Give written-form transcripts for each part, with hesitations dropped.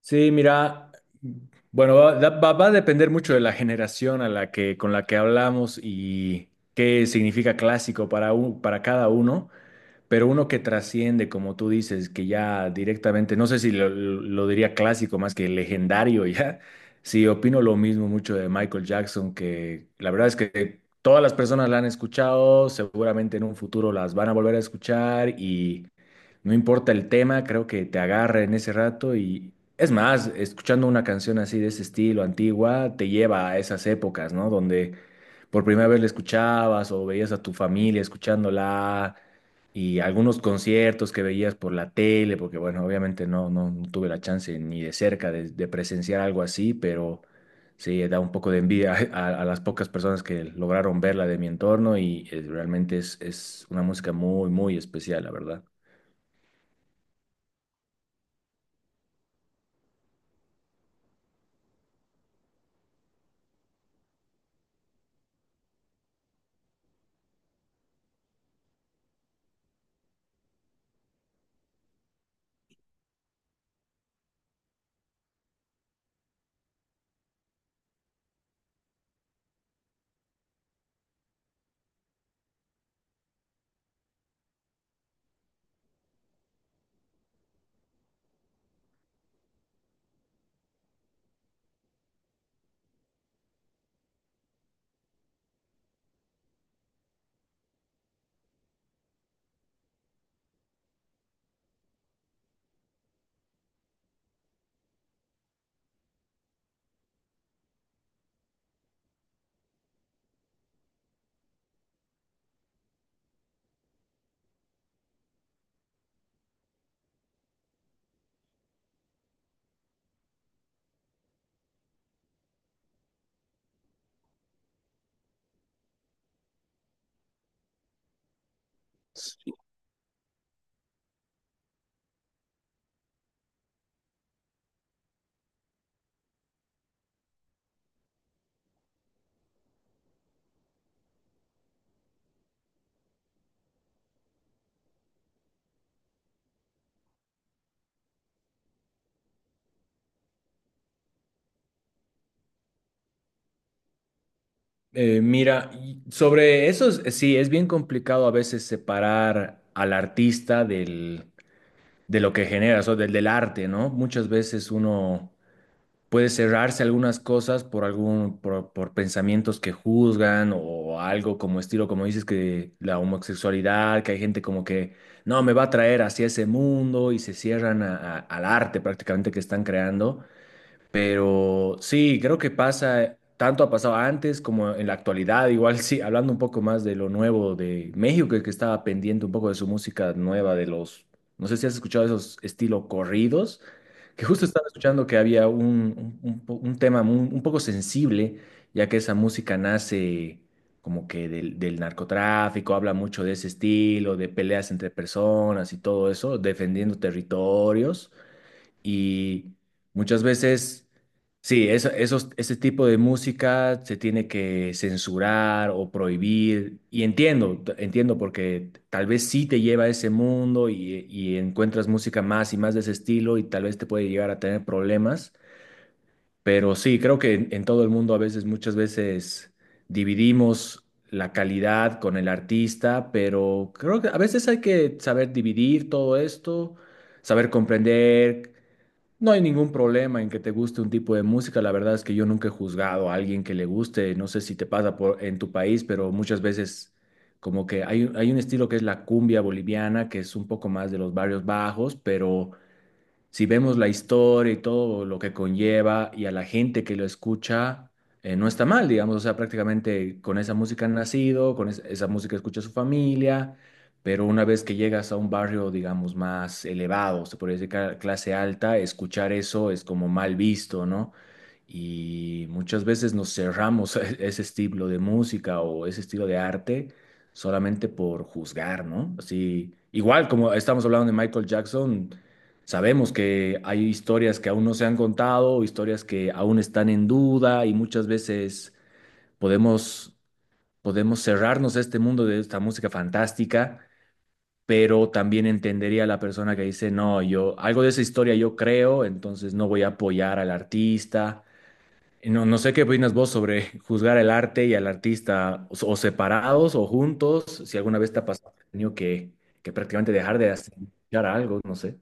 Sí, mira, bueno, va a depender mucho de la generación a la que, con la que hablamos y qué significa clásico para, para cada uno. Pero uno que trasciende, como tú dices, que ya directamente, no sé si lo diría clásico más que legendario ya. Sí, opino lo mismo mucho de Michael Jackson, que la verdad es que todas las personas la han escuchado, seguramente en un futuro las van a volver a escuchar y no importa el tema, creo que te agarra en ese rato Es más, escuchando una canción así de ese estilo antigua, te lleva a esas épocas, ¿no? Donde por primera vez la escuchabas o veías a tu familia escuchándola y algunos conciertos que veías por la tele, porque bueno, obviamente no tuve la chance ni de cerca de presenciar algo así, pero sí, da un poco de envidia a las pocas personas que lograron verla de mi entorno y realmente es una música muy, muy especial, la verdad. Mira, y sobre eso, sí, es bien complicado a veces separar al artista del de lo que generas o del arte, ¿no? Muchas veces uno puede cerrarse algunas cosas por por pensamientos que juzgan o algo como estilo, como dices, que la homosexualidad, que hay gente como que no me va a traer hacia ese mundo y se cierran al arte prácticamente que están creando. Pero sí, creo que pasa, tanto ha pasado antes como en la actualidad, igual sí, hablando un poco más de lo nuevo de México, que estaba pendiente un poco de su música nueva, no sé si has escuchado esos estilo corridos, que justo estaba escuchando que había un tema un poco sensible, ya que esa música nace como que del narcotráfico, habla mucho de ese estilo, de peleas entre personas y todo eso, defendiendo territorios. Y muchas veces, sí, ese tipo de música se tiene que censurar o prohibir. Y entiendo, entiendo, porque tal vez sí te lleva a ese mundo y encuentras música más y más de ese estilo y tal vez te puede llegar a tener problemas. Pero sí, creo que en todo el mundo a veces, muchas veces dividimos la calidad con el artista, pero creo que a veces hay que saber dividir todo esto, saber comprender. No hay ningún problema en que te guste un tipo de música. La verdad es que yo nunca he juzgado a alguien que le guste. No sé si te pasa por, en tu país, pero muchas veces como que hay un estilo que es la cumbia boliviana, que es un poco más de los barrios bajos, pero si vemos la historia y todo lo que conlleva y a la gente que lo escucha, no está mal, digamos, o sea, prácticamente con esa música han nacido, con esa música escucha su familia, pero una vez que llegas a un barrio, digamos, más elevado, se podría decir clase alta, escuchar eso es como mal visto, ¿no? Y muchas veces nos cerramos a ese estilo de música o ese estilo de arte solamente por juzgar, ¿no? Así, igual como estamos hablando de Michael Jackson. Sabemos que hay historias que aún no se han contado, historias que aún están en duda y muchas veces podemos, podemos cerrarnos a este mundo de esta música fantástica, pero también entendería a la persona que dice, no, yo algo de esa historia yo creo, entonces no voy a apoyar al artista. Y no sé qué opinas vos sobre juzgar el arte y al artista, o separados o juntos, si alguna vez te ha pasado, has tenido que prácticamente dejar de hacer algo, no sé.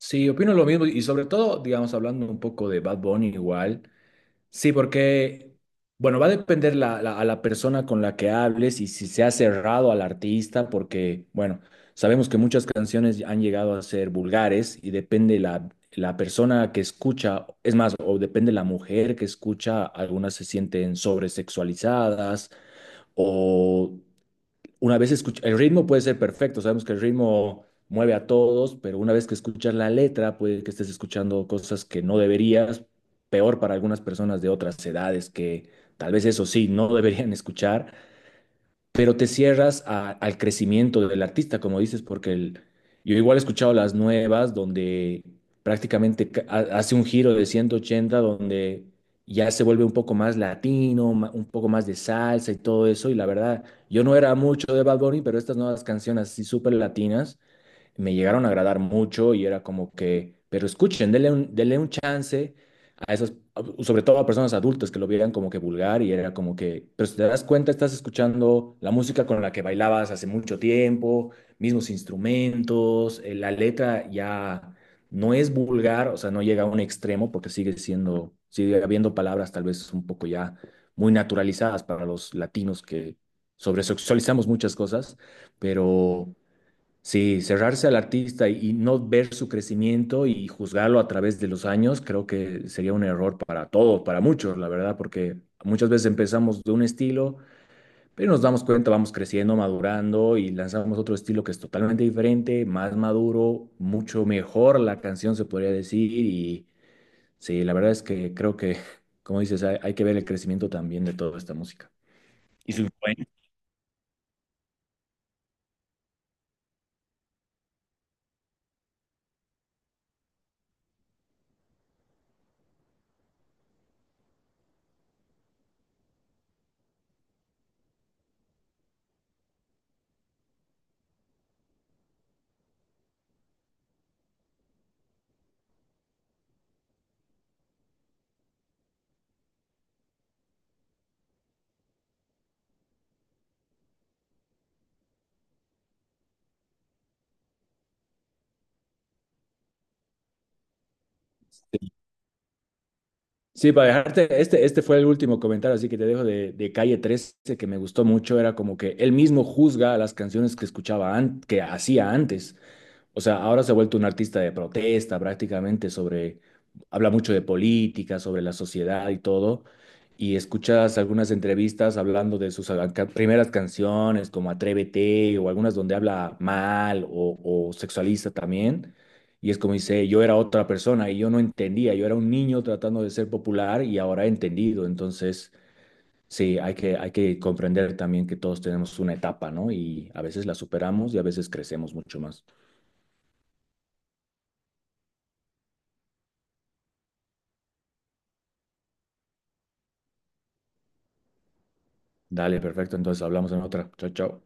Sí, opino lo mismo y sobre todo, digamos, hablando un poco de Bad Bunny igual, sí, porque, bueno, va a depender a la persona con la que hables y si se ha cerrado al artista, porque, bueno, sabemos que muchas canciones han llegado a ser vulgares y depende la persona que escucha, es más, o depende la mujer que escucha, algunas se sienten sobresexualizadas una vez escucha, el ritmo puede ser perfecto, sabemos que el ritmo mueve a todos, pero una vez que escuchas la letra, puede que estés escuchando cosas que no deberías, peor para algunas personas de otras edades que tal vez eso sí, no deberían escuchar, pero te cierras al crecimiento del artista, como dices, porque yo igual he escuchado las nuevas donde prácticamente hace un giro de 180 donde ya se vuelve un poco más latino, un poco más de salsa y todo eso, y la verdad, yo no era mucho de Bad Bunny, pero estas nuevas canciones así súper latinas me llegaron a agradar mucho y era como que, pero escuchen, denle un chance a esos, sobre todo a personas adultas que lo vieran como que vulgar y era como que, pero si te das cuenta, estás escuchando la música con la que bailabas hace mucho tiempo, mismos instrumentos, la letra ya no es vulgar, o sea, no llega a un extremo porque sigue siendo, sigue habiendo palabras tal vez un poco ya muy naturalizadas para los latinos que sobresexualizamos muchas cosas, pero sí, cerrarse al artista y no ver su crecimiento y juzgarlo a través de los años, creo que sería un error para todos, para muchos, la verdad, porque muchas veces empezamos de un estilo, pero nos damos cuenta, vamos creciendo, madurando y lanzamos otro estilo que es totalmente diferente, más maduro, mucho mejor la canción se podría decir. Y sí, la verdad es que creo que, como dices, hay que ver el crecimiento también de toda esta música. Y su influencia. Sí, para dejarte, este fue el último comentario, así que te dejo de Calle 13 que me gustó mucho, era como que él mismo juzga las canciones que escuchaba, que hacía antes. O sea, ahora se ha vuelto un artista de protesta prácticamente habla mucho de política, sobre la sociedad y todo. Y escuchas algunas entrevistas hablando de sus primeras canciones, como Atrévete, o algunas donde habla mal o sexualiza también. Y es como dice, yo era otra persona y yo no entendía, yo era un niño tratando de ser popular y ahora he entendido. Entonces, sí, hay que comprender también que todos tenemos una etapa, ¿no? Y a veces la superamos y a veces crecemos mucho más. Dale, perfecto. Entonces hablamos en otra. Chao, chao.